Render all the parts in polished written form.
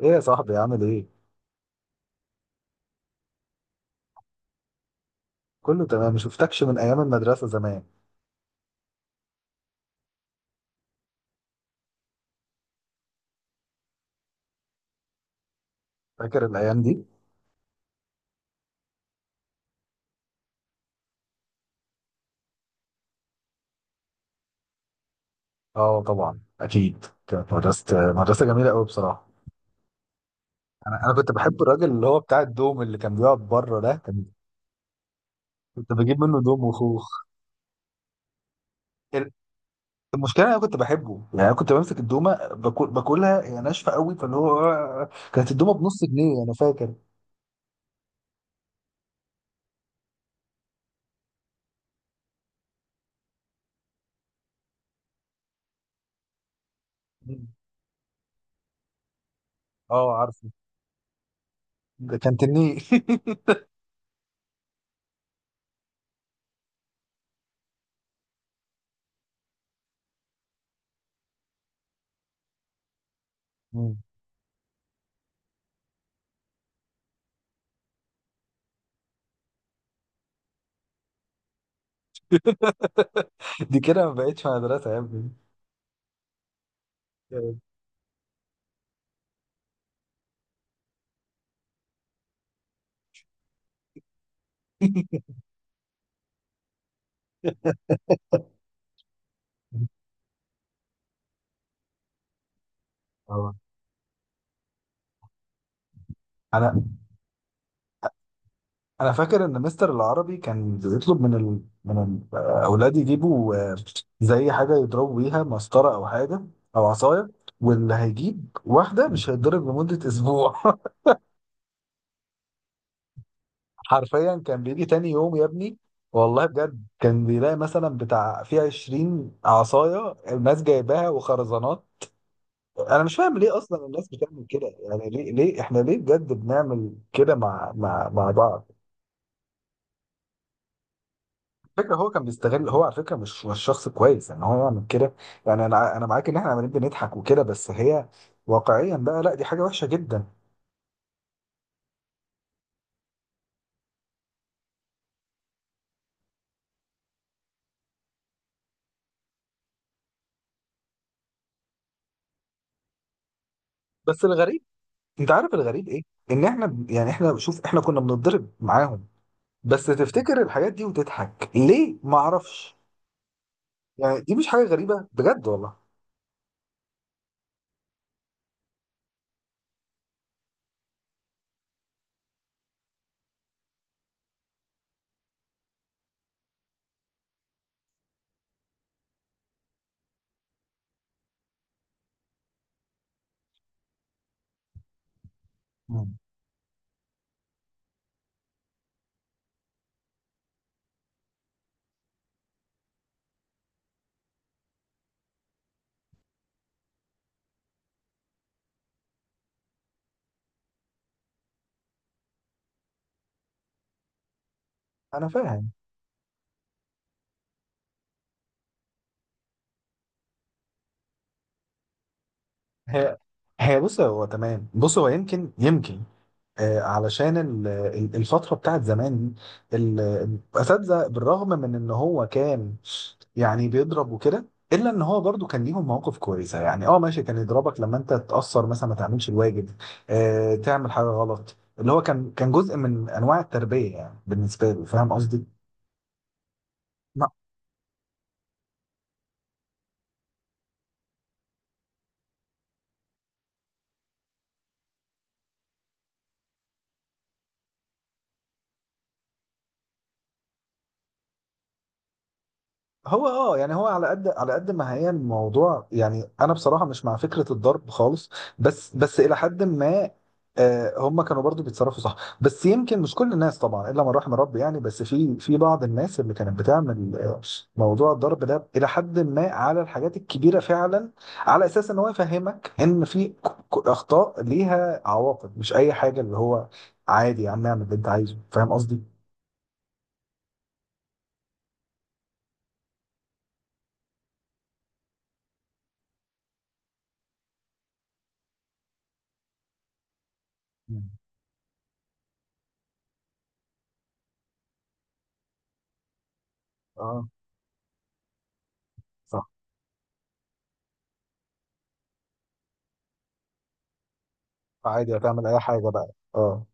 ايه يا صاحبي، عامل ايه؟ كله تمام، ما شفتكش من ايام المدرسة زمان. فاكر الايام دي؟ اه طبعا، اكيد كانت مدرسة جميلة قوي بصراحة. انا كنت بحب الراجل اللي هو بتاع الدوم اللي كان بيقعد بره ده، كنت بجيب منه دوم وخوخ. ال- المشكلة انا كنت بحبه يعني، انا كنت بمسك الدومة، باكلها هي ناشفة قوي، فاللي هو كانت الدومة بنص جنيه، انا فاكر. مم. اه عارفه، ده كان تنيه. مم. دي كده ما بقتش مدرسة يا ابني. اه، انا انا فاكر ان مستر العربي كان بيطلب من من الاولاد يجيبوا زي حاجه يضربوا بيها، مسطره او حاجه او عصايه، واللي هيجيب واحده مش هيتضرب لمده اسبوع. حرفيا كان بيجي تاني يوم يا ابني، والله بجد كان بيلاقي مثلا بتاع في 20 عصايه الناس جايباها، وخرزانات. انا مش فاهم ليه اصلا الناس بتعمل كده، يعني ليه احنا ليه بجد بنعمل كده مع بعض؟ فكرة هو كان بيستغل، هو على فكرة مش شخص كويس ان هو يعمل كده. يعني انا معاك ان احنا عمالين بنضحك وكده، بس هي واقعيا بقى لا، دي حاجة وحشة جدا. بس الغريب، انت عارف الغريب ايه؟ ان احنا يعني احنا شوف، احنا كنا بنتضرب معاهم، بس تفتكر الحاجات دي وتضحك ليه؟ ما اعرفش، يعني دي مش حاجة غريبة، بجد والله. مم. انا فاهم. هي هي بص، هو تمام، بص هو يمكن علشان الفترة بتاعت زمان دي، الأساتذة بالرغم من إن هو كان يعني بيضرب وكده، إلا إن هو برضو كان ليهم مواقف كويسة. يعني أه ماشي، كان يضربك لما أنت تتأثر مثلا، ما تعملش الواجب، تعمل حاجة غلط، اللي هو كان جزء من أنواع التربية يعني بالنسبة له. فاهم قصدي؟ هو اه، يعني هو على قد على قد ما هي الموضوع، يعني انا بصراحه مش مع فكره الضرب خالص، بس الى حد ما. آه، هم كانوا برضو بيتصرفوا صح، بس يمكن مش كل الناس طبعا، الا من رحم ربي يعني. بس في بعض الناس اللي كانت بتعمل موضوع الضرب ده الى حد ما، على الحاجات الكبيره فعلا، على اساس ان هو يفهمك ان في اخطاء ليها عواقب، مش اي حاجه اللي هو عادي يا عم اعمل اللي انت عايزه. فاهم قصدي؟ مم. اه صح. عادي هتعمل اي حاجه بقى. اه،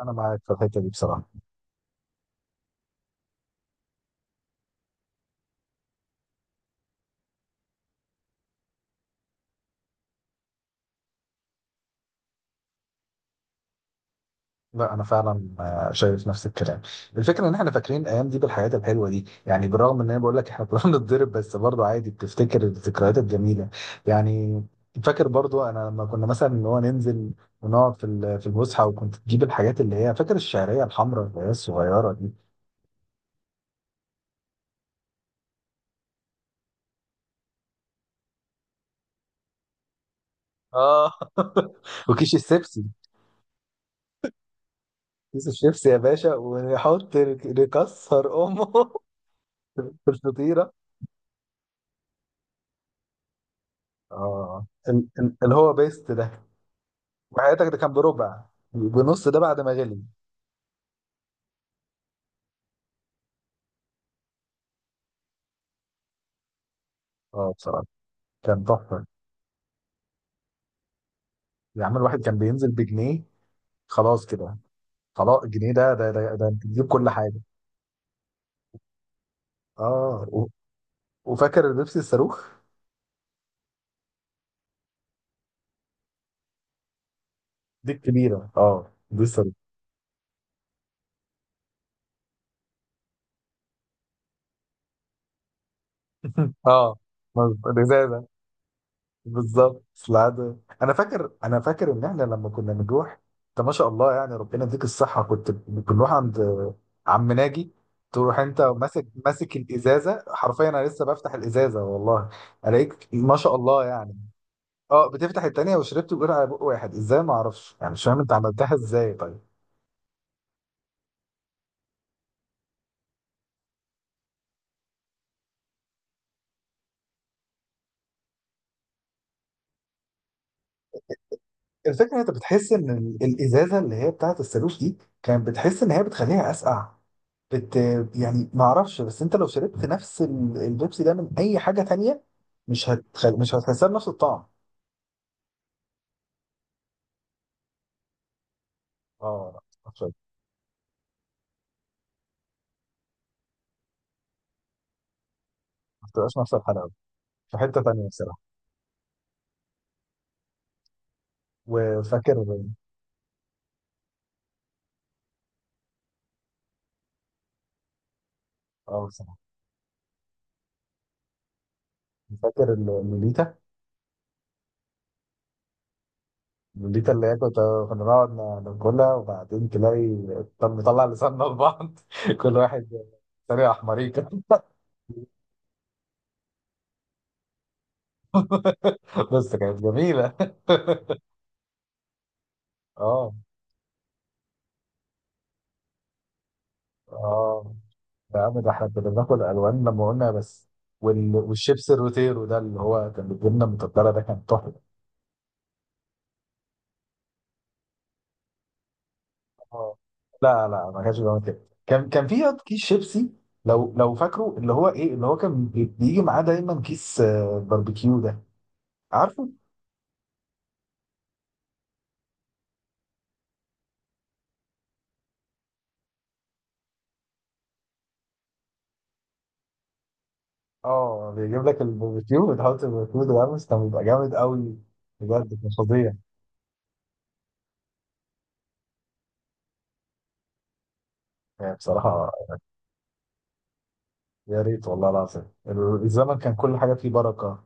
انا معاك في الحته دي بصراحه. لا انا فعلا شايف نفس الكلام. الفكره ان احنا فاكرين الايام دي بالحاجات الحلوه دي، يعني بالرغم ان انا بقول لك احنا كنا بنتضرب، بس برضو عادي بتفتكر الذكريات الجميله يعني. فاكر برضو انا لما كنا مثلا اللي هو ننزل ونقعد في في الفسحه، وكنت تجيب الحاجات اللي هي، فاكر الشعريه الحمراء اللي هي الصغيره دي؟ اه. وكيس الشيبسي، كيس الشيبسي يا باشا، ونحط، نكسر امه في الفطيره. اه، اللي هو بيست ده، وحياتك ده كان بربع، بنص ده بعد ما غلي. اه بصراحه كان تحفه. يا عم الواحد كان بينزل بجنيه، خلاص كده، خلاص الجنيه ده انت تجيب كل حاجه. اه، وفاكر البيبسي الصاروخ؟ دي الكبيره، اه دي الصاروخ. اه مظبوط، الازازه. بالظبط في العاده. انا فاكر ان احنا لما كنا بنروح، انت ما شاء الله يعني ربنا يديك الصحه، كنت بنروح عند عم ناجي، تروح انت ماسك الازازه حرفيا، انا لسه بفتح الازازه والله الاقيك ما شاء الله يعني. اه بتفتح التانيه وشربت، بتقول على بق واحد ازاي، ما اعرفش يعني، مش فاهم انت عملتها ازاي طيب. الفكره إن انت بتحس ان الازازه اللي هي بتاعت الصاروخ دي، كانت بتحس ان هي بتخليها اسقع، بت يعني ما اعرفش، بس انت لو شربت نفس البيبسي ده من اي حاجه تانية، مش هتحسها بنفس الطعم. اه لا، ما تبقاش. ما بتبقاش نفس الحلاوه في حته تانية بصراحه. وفاكر، اه بصراحه فاكر اللوليتا؟ اللوليتا اللي هي كنا نقعد ناكلها، وبعدين تلاقي، طب نطلع لساننا لبعض، كل واحد طريقه احمريكا. بس كانت جميله. اه، اه. يا عم ده احنا كنا بناكل الوان، لما قلنا بس. والشيبس الروتيرو ده اللي هو كان بالجبنه المتبله ده، كان تحفه. اه لا لا، ما كانش بيعمل كده، كان في كيس شيبسي لو فاكره، اللي هو ايه، اللي هو كان بيجي معاه دايما كيس باربيكيو ده، عارفه؟ اه، بيجيب لك الباربيكيو، وتحط الباربيكيو ده، بس كان بيبقى جامد قوي، بجد كان فظيع. يعني بصراحه يا ريت والله العظيم، الزمن كان كل حاجة فيه بركة،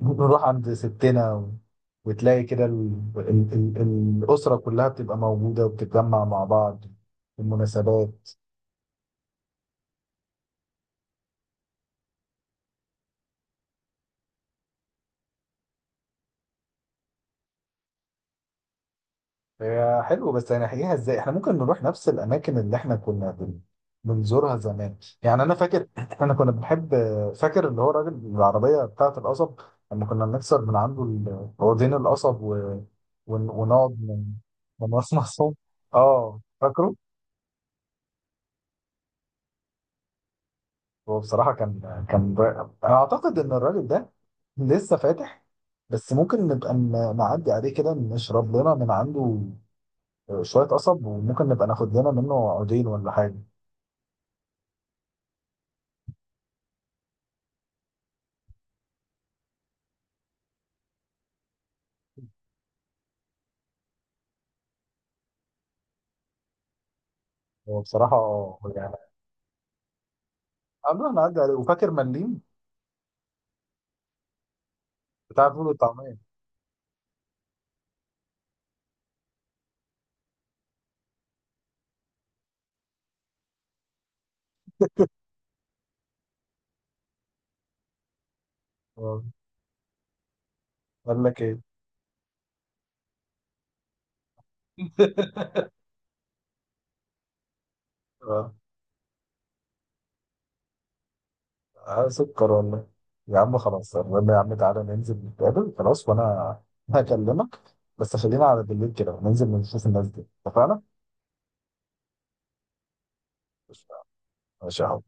ونروح عند ستنا وتلاقي كده الأسرة كلها بتبقى موجودة وبتتجمع مع بعض في المناسبات. هي حلو، بس هنحكيها ازاي؟ احنا ممكن نروح نفس الأماكن اللي احنا كنا بنزورها زمان. يعني أنا فاكر، احنا كنا بنحب، فاكر اللي هو راجل العربية بتاعة القصب؟ لما كنا بنكسر من عنده عودين القصب، ونقعد من مصمصهم. اه فاكره. هو بصراحة كان رائع. أنا أعتقد إن الراجل ده لسه فاتح، بس ممكن نبقى نعدي عليه كده، نشرب لنا من عنده شوية قصب، وممكن نبقى ناخد لنا منه عودين ولا حاجة. هو بصراحة يعني قبل ما نعدي عليه، وفاكر مليم بتاع الفول والطعمية؟ آه. قال لك إيه؟ آه. آه، سكر والله. يا عم خلاص، المهم يا عم تعالى ننزل نتقابل خلاص، وأنا هكلمك، بس خلينا على بالليل كده وننزل نشوف الناس دي. اتفقنا؟ ماشي يا عم.